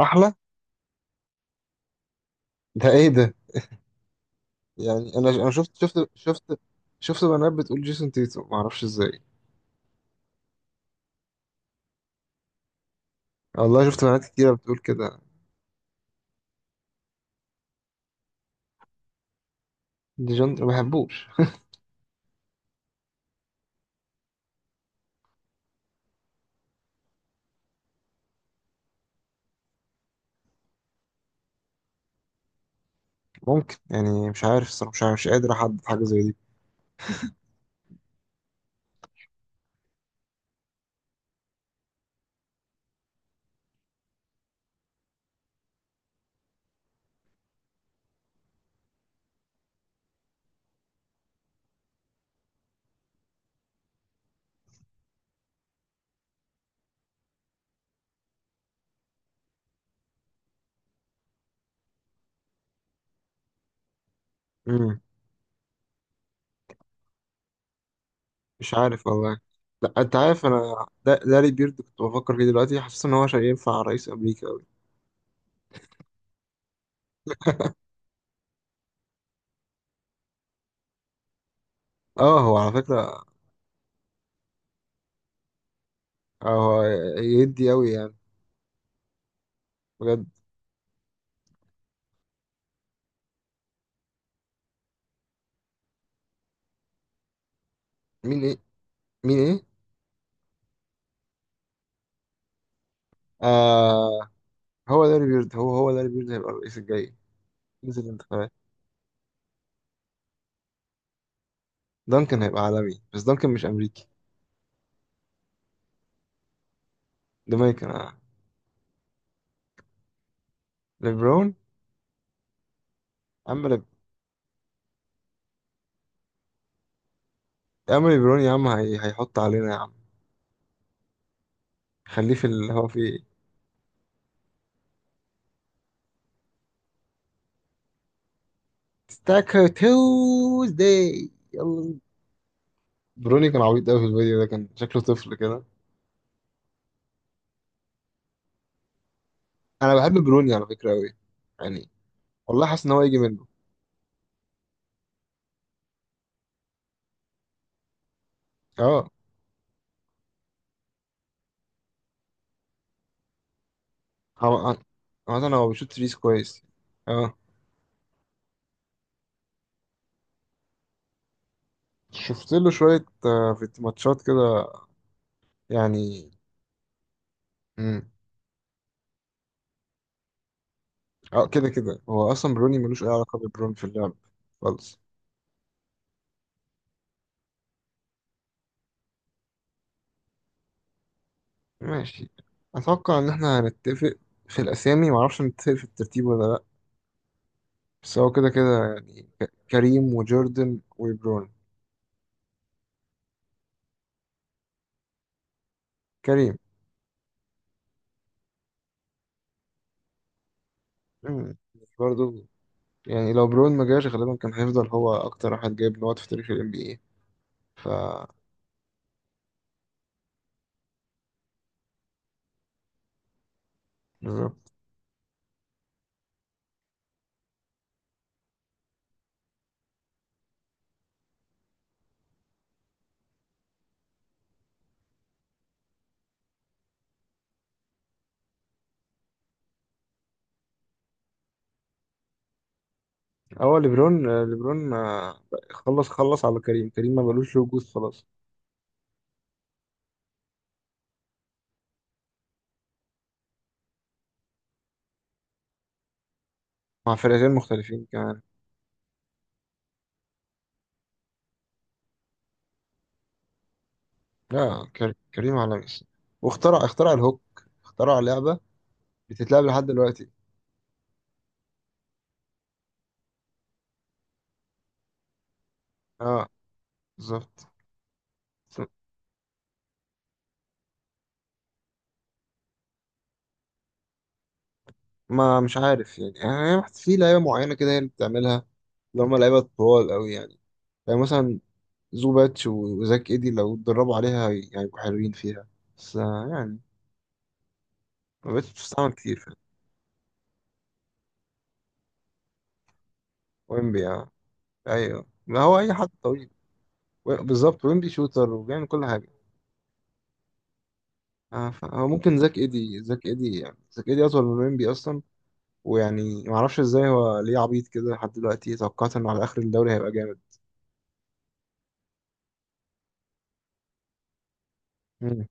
احلى. ده ايه ده؟ يعني انا شفت بنات بتقول جيسون تيتو، ما اعرفش ازاي. والله شفت بنات كتيره بتقول كده. دي جون ما بحبوش. ممكن، يعني مش عارف الصراحه، مش عارف، مش قادر احدد حاجه زي دي. امم مش عارف والله. لا، انت عارف، انا داري بيرد كنت بفكر فيه دلوقتي، حاسس ان هو شيء ينفع رئيس امريكا قوي. اه، هو على فكره. آه، هو يدي قوي يعني، بجد. مين ايه؟ مين ايه؟ آه، هو داري بيرد، هو داري بيرد هيبقى الرئيس الجاي، ينزل الانتخابات. دانكن هيبقى عالمي، بس دانكن مش امريكي. جامايكان، آه. ليبرون. يا عم يا عم ليبرون، يا عم هيحط علينا يا عم. خليه في اللي هو فيه. ستاك تيوزداي يلا. بروني كان عبيط قوي في الفيديو ده، كان شكله طفل كده. انا بحب بروني على فكره قوي، يعني والله حاسس ان هو يجي منه. اه، هو مثلا هو بيشوت تريس كويس. اه، شفت له شويه آه، في ماتشات كده يعني. امم اه، كده كده هو اصلا بروني ملوش اي علاقه ببرون في اللعب خالص. ماشي، اتوقع ان احنا هنتفق في الاسامي، معرفش نتفق في الترتيب ولا لا، بس هو كده كده يعني كريم وجوردن وبرون. كريم. مم، برضو. يعني لو برون ما جاش غالبا كان هيفضل هو اكتر واحد جايب نقط في تاريخ ال NBA. ف بالظبط. هو ليبرون ليبرون ما- خلص، خلص على كريم، كريم ما بلوش له وجود خلاص. مع فرقتين مختلفين كمان. لا كريم عالمي الصراحة. واخترع، اخترع الهوك، اخترع لعبة بتتلعب لحد دلوقتي. اه بالظبط. ما مش عارف يعني، يعني في لعيبه معينه كده هي اللي بتعملها، اللي هم لعيبه طوال قوي يعني. يعني مثلا زوباتش وزاك ايدي لو اتدربوا عليها يعني يبقوا حلوين فيها، بس آه، يعني ما بقتش بتستعمل كتير، فاهم؟ ويمبي، اه. ايوه، ما هو اي حد طويل. بالظبط، ويمبي شوتر وبيعمل كل حاجه. آه، هو ممكن زاك ايدي، زاك ايدي يعني زاك ايدي اطول من ويمبي اصلا. ويعني ما اعرفش ازاي هو ليه عبيط كده لحد دلوقتي، توقعت انه على اخر الدوري هيبقى جامد.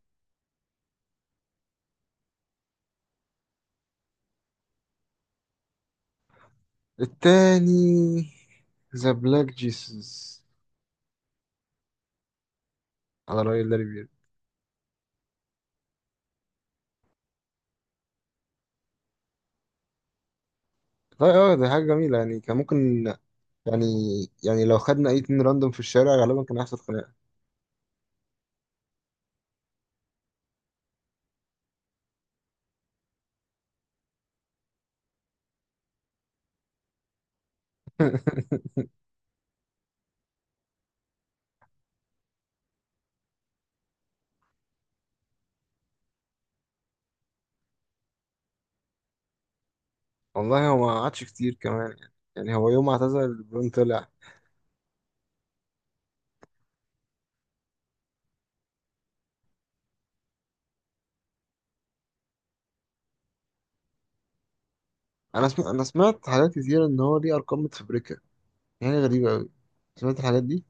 التاني، ذا بلاك جيسوس، على رأي لاري بيرد. طيب اه، دي حاجة جميلة، يعني كان ممكن، يعني يعني لو خدنا أي اتنين راندوم في الشارع غالبا كان هيحصل خناقة. والله هو ما قعدش كتير كمان، يعني يعني هو يوم ما اعتزل برون طلع. أنا سمعت، أنا سمعت حاجات كتيرة إن هو ليه أرقام متفبركة، يعني غريبة أوي. سمعت الحاجات دي؟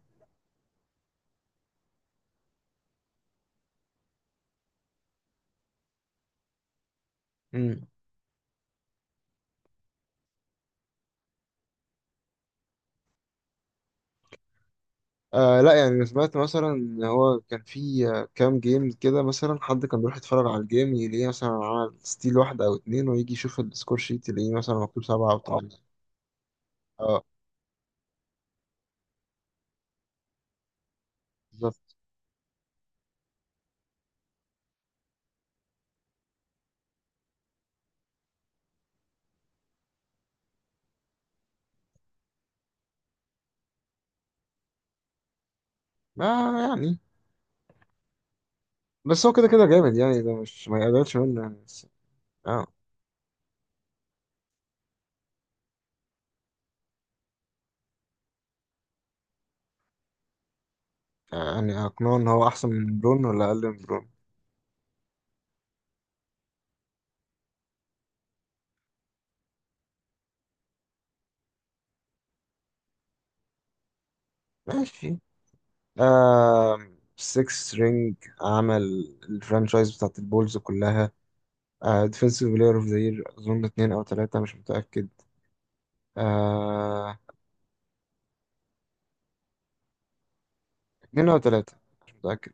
مم. آه لا، يعني أنا سمعت مثلا ان هو كان في آه، كام جيم كده، مثلا حد كان بيروح يتفرج على الجيم يلاقيه مثلا عمل ستيل واحدة او اتنين، ويجي يشوف السكور شيت يلاقيه مثلا مكتوب سبعة او اه تمانية. اه بالظبط. آه يعني. بس هو كده كده جامد يعني، ده مش ما يقللش منه يعني، بس اه. يعني اقنعه ان هو احسن من برون ولا اقل من برون؟ ماشي. آه، 6 رينج، عمل الفرانشايز بتاعت البولز كلها، آه ديفنسيف بلاير اوف ذا يير اظن اتنين او تلاتة، مش متأكد. آه، اتنين أو تلاتة، مش متأكد،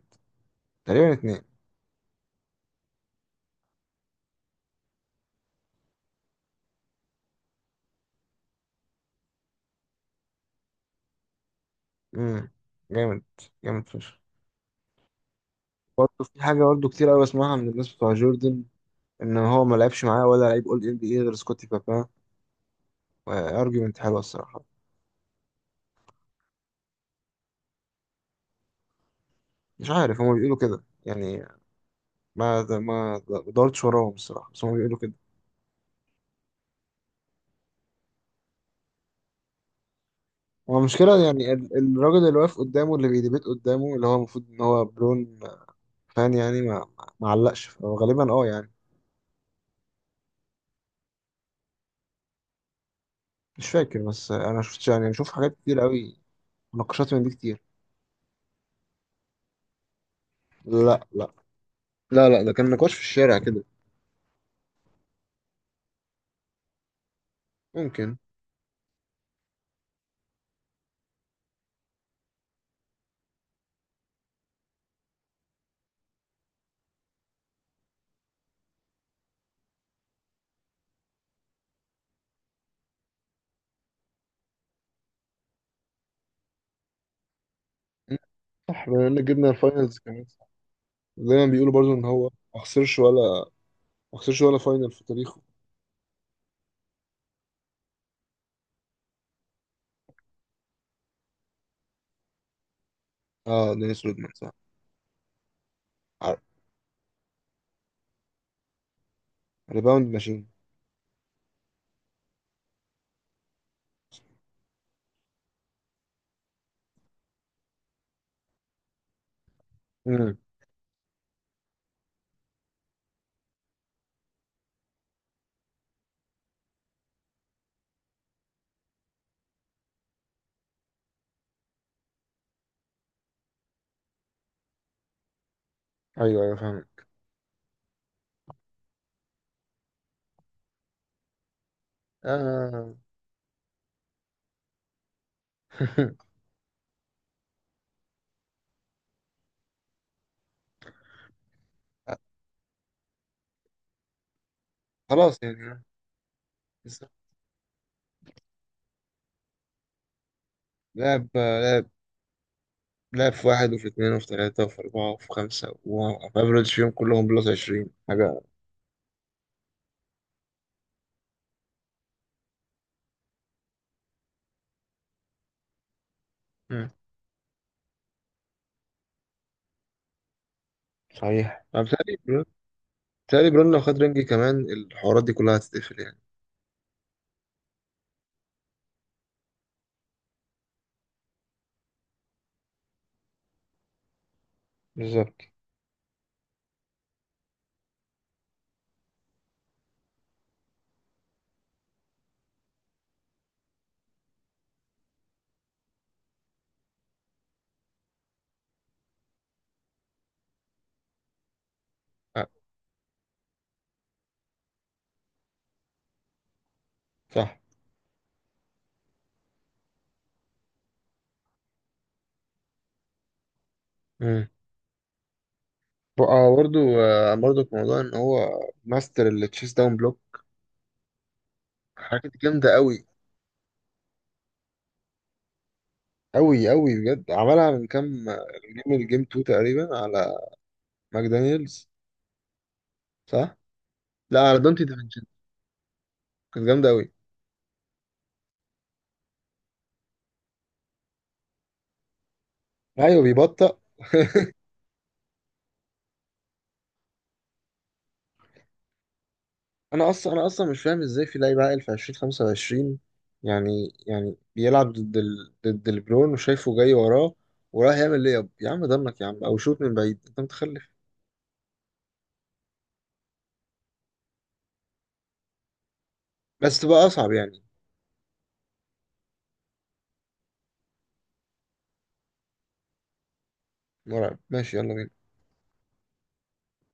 تقريبا اتنين. مم، جامد. جامد فشخ. في حاجة برضه كتير أوي أسمعها من الناس بتوع جوردن، إن هو ما لعبش معاه ولا لعيب أول إن بي إيه غير سكوتي بابا، وأرجيومنت حلوة الصراحة. مش عارف، هما بيقولوا كده يعني، ما دورتش وراهم الصراحة، بس هما بيقولوا كده. هو المشكلة يعني الراجل اللي واقف قدامه، اللي بيديبيت قدامه، اللي هو المفروض إن هو برون، فان يعني ما علقش، فهو غالبا أه يعني. مش فاكر، بس أنا شفت، يعني بشوف حاجات كتير أوي، نقاشات من دي كتير. لا لا، لا ده كان نقاش في الشارع كده. ممكن. صح، بما ان جبنا الفاينلز كمان، صح. دايما بيقولوا برضو ان هو ما خسرش ولا، ما خسرش ولا فاينل في تاريخه. اه دينيس رودمان، صح. عارف. ريباوند ماشين. امم ايوه ايوه، فاهم. آه. خلاص يعني. بالظبط. لعب، لعب، لعب في واحد وفي اثنين وفي ثلاثة وفي أربعة وفي خمسة، وأفريج فيهم كلهم بلس 20 حاجة. مم. صحيح أنا بتهيألي برون، بتهيألي برون لو خد رينج كمان الحوارات دي كلها هتتقفل يعني. بالظبط. آه، صح. امم بقى برضه آه، برضه برضه في موضوع ان هو ماستر التشيس داون بلوك، حاجات جامده قوي. قوي قوي بجد. عملها من كام آه، جيم، الجيم 2 تقريبا، على ماكدانيلز، صح؟ لا، على دونتي ديفينشن. كانت جامده قوي. ايوه، بيبطأ. انا اصلا، انا اصلا مش فاهم ازاي في لعيب عاقل في 2025، يعني يعني بيلعب ضد ضد البرون وشايفه جاي وراه، وراح يعمل ليب يا عم ضنك يا عم، او شوت من بعيد، انت متخلف. بس تبقى اصعب يعني. مرعب. ماشي يلا بينا.